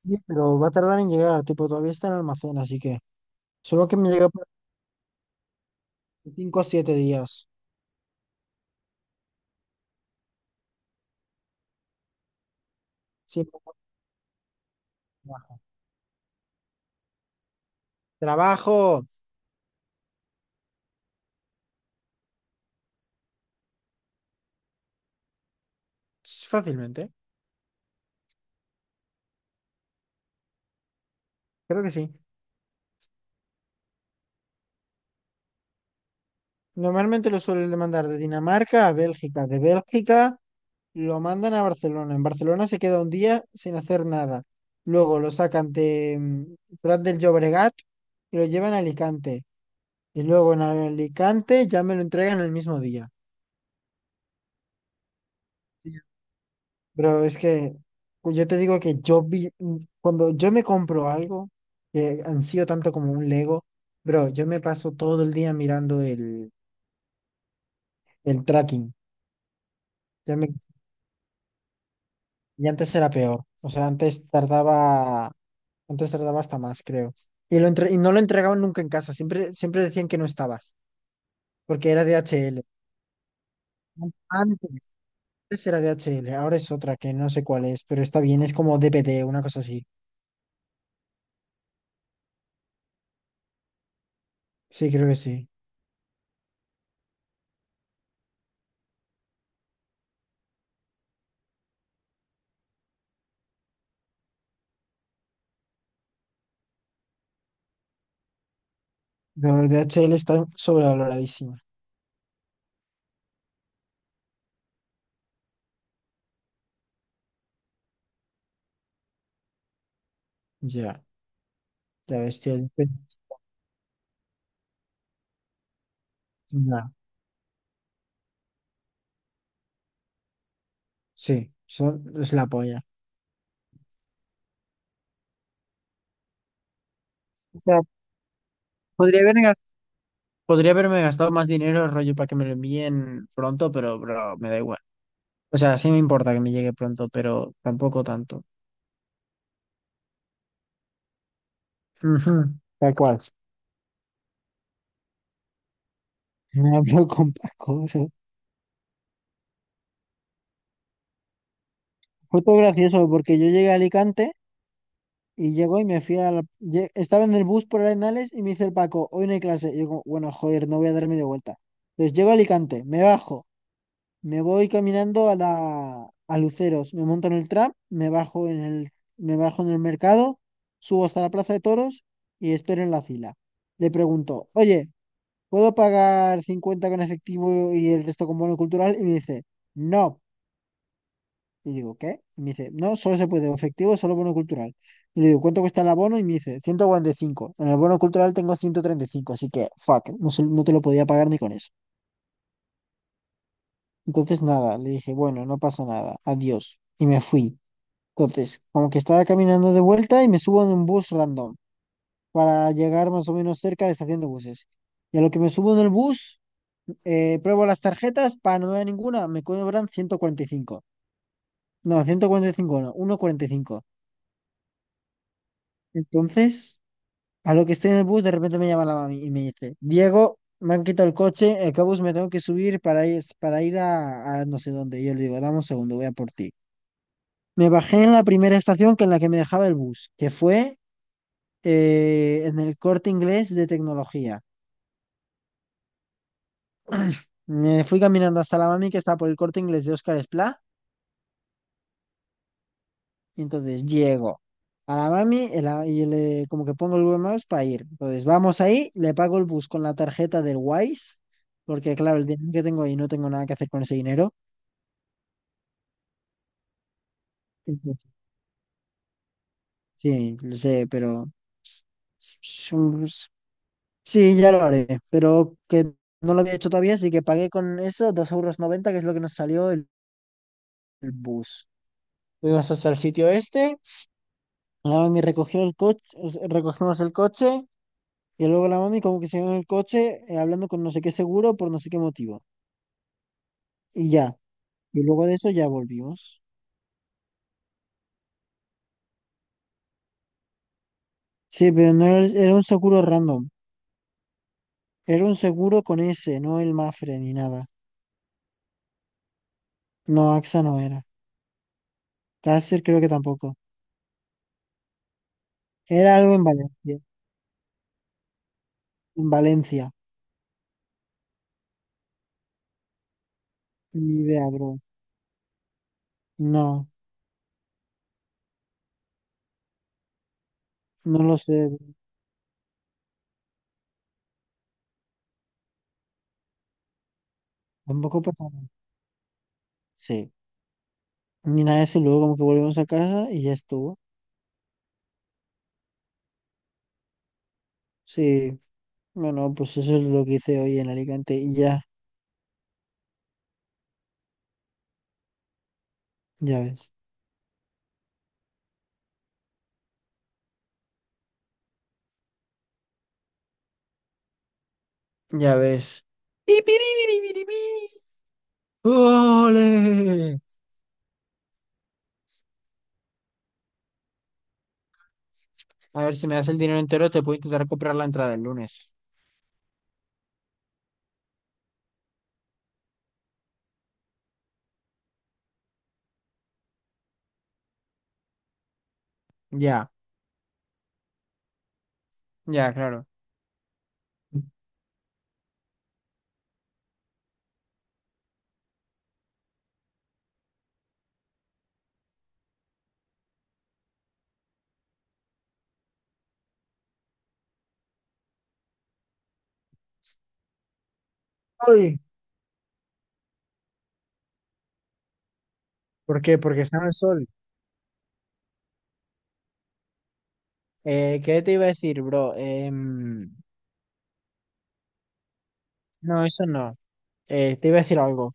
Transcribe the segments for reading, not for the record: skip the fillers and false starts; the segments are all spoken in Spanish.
Sí, pero va a tardar en llegar, tipo, todavía está en almacén, así que supongo que me llega por 5 o 7 días. Sí, poco más. Trabajo fácilmente, creo que sí. Normalmente lo suelen mandar de Dinamarca a Bélgica, de Bélgica lo mandan a Barcelona. En Barcelona se queda un día sin hacer nada. Luego lo sacan de Prat del Llobregat y lo llevan a Alicante. Y luego en Alicante ya me lo entregan el mismo día. Bro, es que pues, yo te digo que yo vi, cuando yo me compro algo, que han sido tanto como un Lego, bro, yo me paso todo el día mirando el tracking. Ya me- y antes era peor. O sea, antes tardaba hasta más, creo. Y, no lo entregaban nunca en casa, siempre, siempre decían que no estabas, porque era DHL. Antes, antes era DHL, ahora es otra que no sé cuál es, pero está bien, es como DPD, una cosa así. Sí, creo que sí. Pero el DHL está sobrevaloradísimo. Ya, la bestia de pez. Ya, sí, es la polla. O sea, podría haber gas- podría haberme gastado más dinero rollo para que me lo envíen pronto, pero bro, me da igual. O sea, sí me importa que me llegue pronto, pero tampoco tanto. Ujú, tal cual. Me hablo con Paco, bro. Fue todo gracioso porque yo llegué a Alicante y llegó y me fui. Estaba en el bus por Arenales y me dice el Paco, hoy no hay clase. Y yo como, bueno, joder, no voy a dar media vuelta. Entonces llego a Alicante, me bajo. Me voy caminando a Luceros, me monto en el tram, me bajo en el mercado, subo hasta la plaza de toros y espero en la fila. Le pregunto, "Oye, ¿puedo pagar 50 con efectivo y el resto con bono cultural?" Y me dice, "No." Y digo, "¿Qué?" Y me dice, "No, solo se puede o efectivo, solo bono cultural." Y le digo, "¿Cuánto cuesta el abono?" Y me dice, 145. En el bono cultural tengo 135, así que fuck, no te lo podía pagar ni con eso. Entonces nada, le dije, "Bueno, no pasa nada. Adiós." Y me fui. Entonces, como que estaba caminando de vuelta y me subo en un bus random para llegar más o menos cerca de la estación de buses. Y a lo que me subo en el bus, pruebo las tarjetas, para no ver ninguna, me cobran 145. No, 145 no, ciento cuarenta y cinco. Entonces, a lo que estoy en el bus, de repente me llama la mami y me dice, Diego, me han quitado el coche, el bus me tengo que subir para ir a no sé dónde. Y yo le digo, dame un segundo, voy a por ti. Me bajé en la primera estación que en la que me dejaba el bus, que fue en el Corte Inglés de tecnología. Me fui caminando hasta la mami que está por el Corte Inglés de Óscar Esplá, y entonces llego a la mami y, y le, como que pongo el Google Maps para ir. Entonces vamos ahí, le pago el bus con la tarjeta del Wise, porque claro, el dinero que tengo ahí no tengo nada que hacer con ese dinero. Entonces, sí, lo sé, pero. Sí, ya lo haré, pero que no lo había hecho todavía, así que pagué con eso 2,90 € que es lo que nos salió el bus. Fuimos hasta el sitio este, la mami recogió el coche, recogimos el coche, y luego la mami como que se quedó en el coche hablando con no sé qué seguro por no sé qué motivo. Y ya, y luego de eso ya volvimos. Sí, pero no era, era un seguro random, era un seguro con ese, no el Mafre ni nada. No, AXA no era. Caser creo que tampoco. Era algo en Valencia, en Valencia. Ni idea, bro. No, no lo sé, bro. Tampoco pasa nada. Sí, ni nada de eso, luego como que volvimos a casa y ya estuvo. Sí. No, no, pues eso es lo que hice hoy en Alicante y ya, ya ves. Ya ves. ¡Ipiribiribiribí! ¡Ole! A ver, si me das el dinero entero, te puedo intentar comprar la entrada el lunes. Ya, ya, claro. Ay, ¿por qué? Porque está en el sol. ¿Qué te iba a decir, bro? No, eso no. Te iba a decir algo.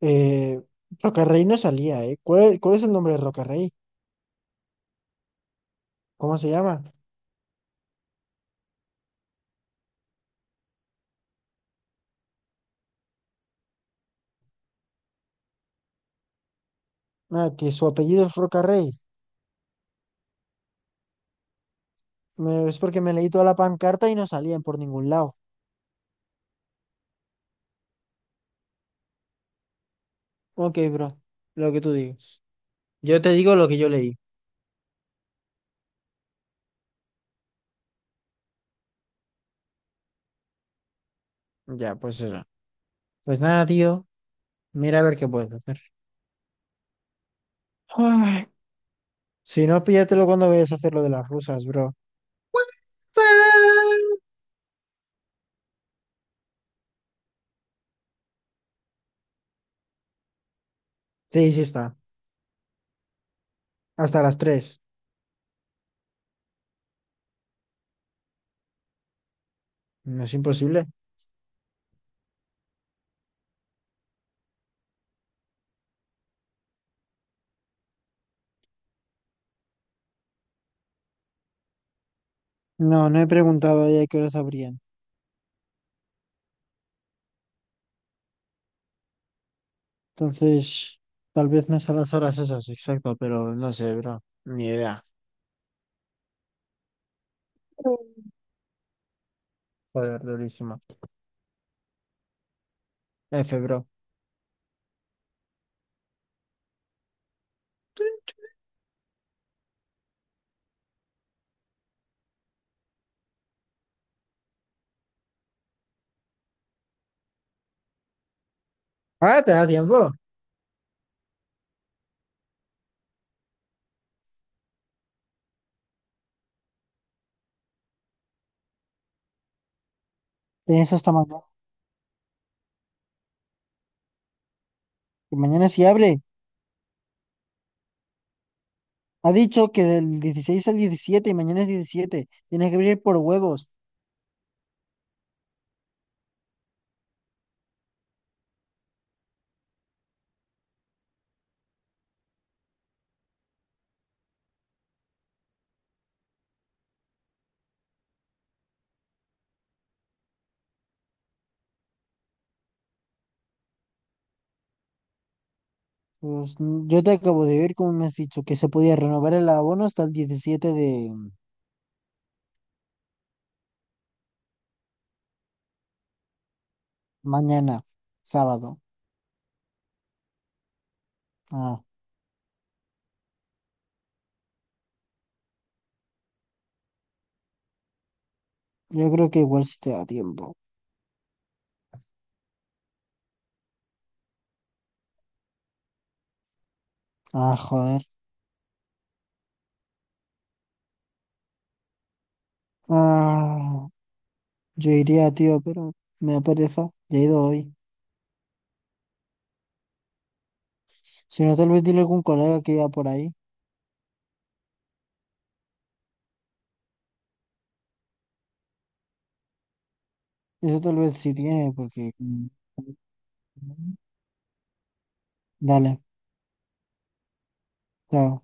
Eh, Rocarrey no salía, ¿eh? ¿Cuál es el nombre de Rocarrey? ¿Cómo se llama? Ah, que su apellido es Rocarrey. Es porque me leí toda la pancarta y no salían por ningún lado. Ok, bro, lo que tú digas. Yo te digo lo que yo leí. Ya, pues eso. Pues nada, tío. Mira a ver qué puedes hacer. Ay, si no, píllatelo cuando vayas a hacer lo de las rusas, bro. Sí, sí está. Hasta las tres. No es imposible. No, no he preguntado a ella qué horas abrían. Entonces, tal vez no es a las horas esas, exacto, pero no sé, bro. Ni idea. Joder, durísimo. F, bro. Ah, te da tiempo. Tienes hasta mañana. Que mañana sí abre. Ha dicho que del 16 al 17 y mañana es 17. Tienes que abrir por huevos. Pues yo te acabo de ver como me has dicho que se podía renovar el abono hasta el 17 de mañana, sábado. Ah, yo creo que igual sí te da tiempo. Ah, joder. Ah, yo iría, tío, pero me da pereza. Ya he ido hoy. Si no, tal vez dile a algún colega que iba por ahí. Eso tal vez sí tiene. Dale, chao.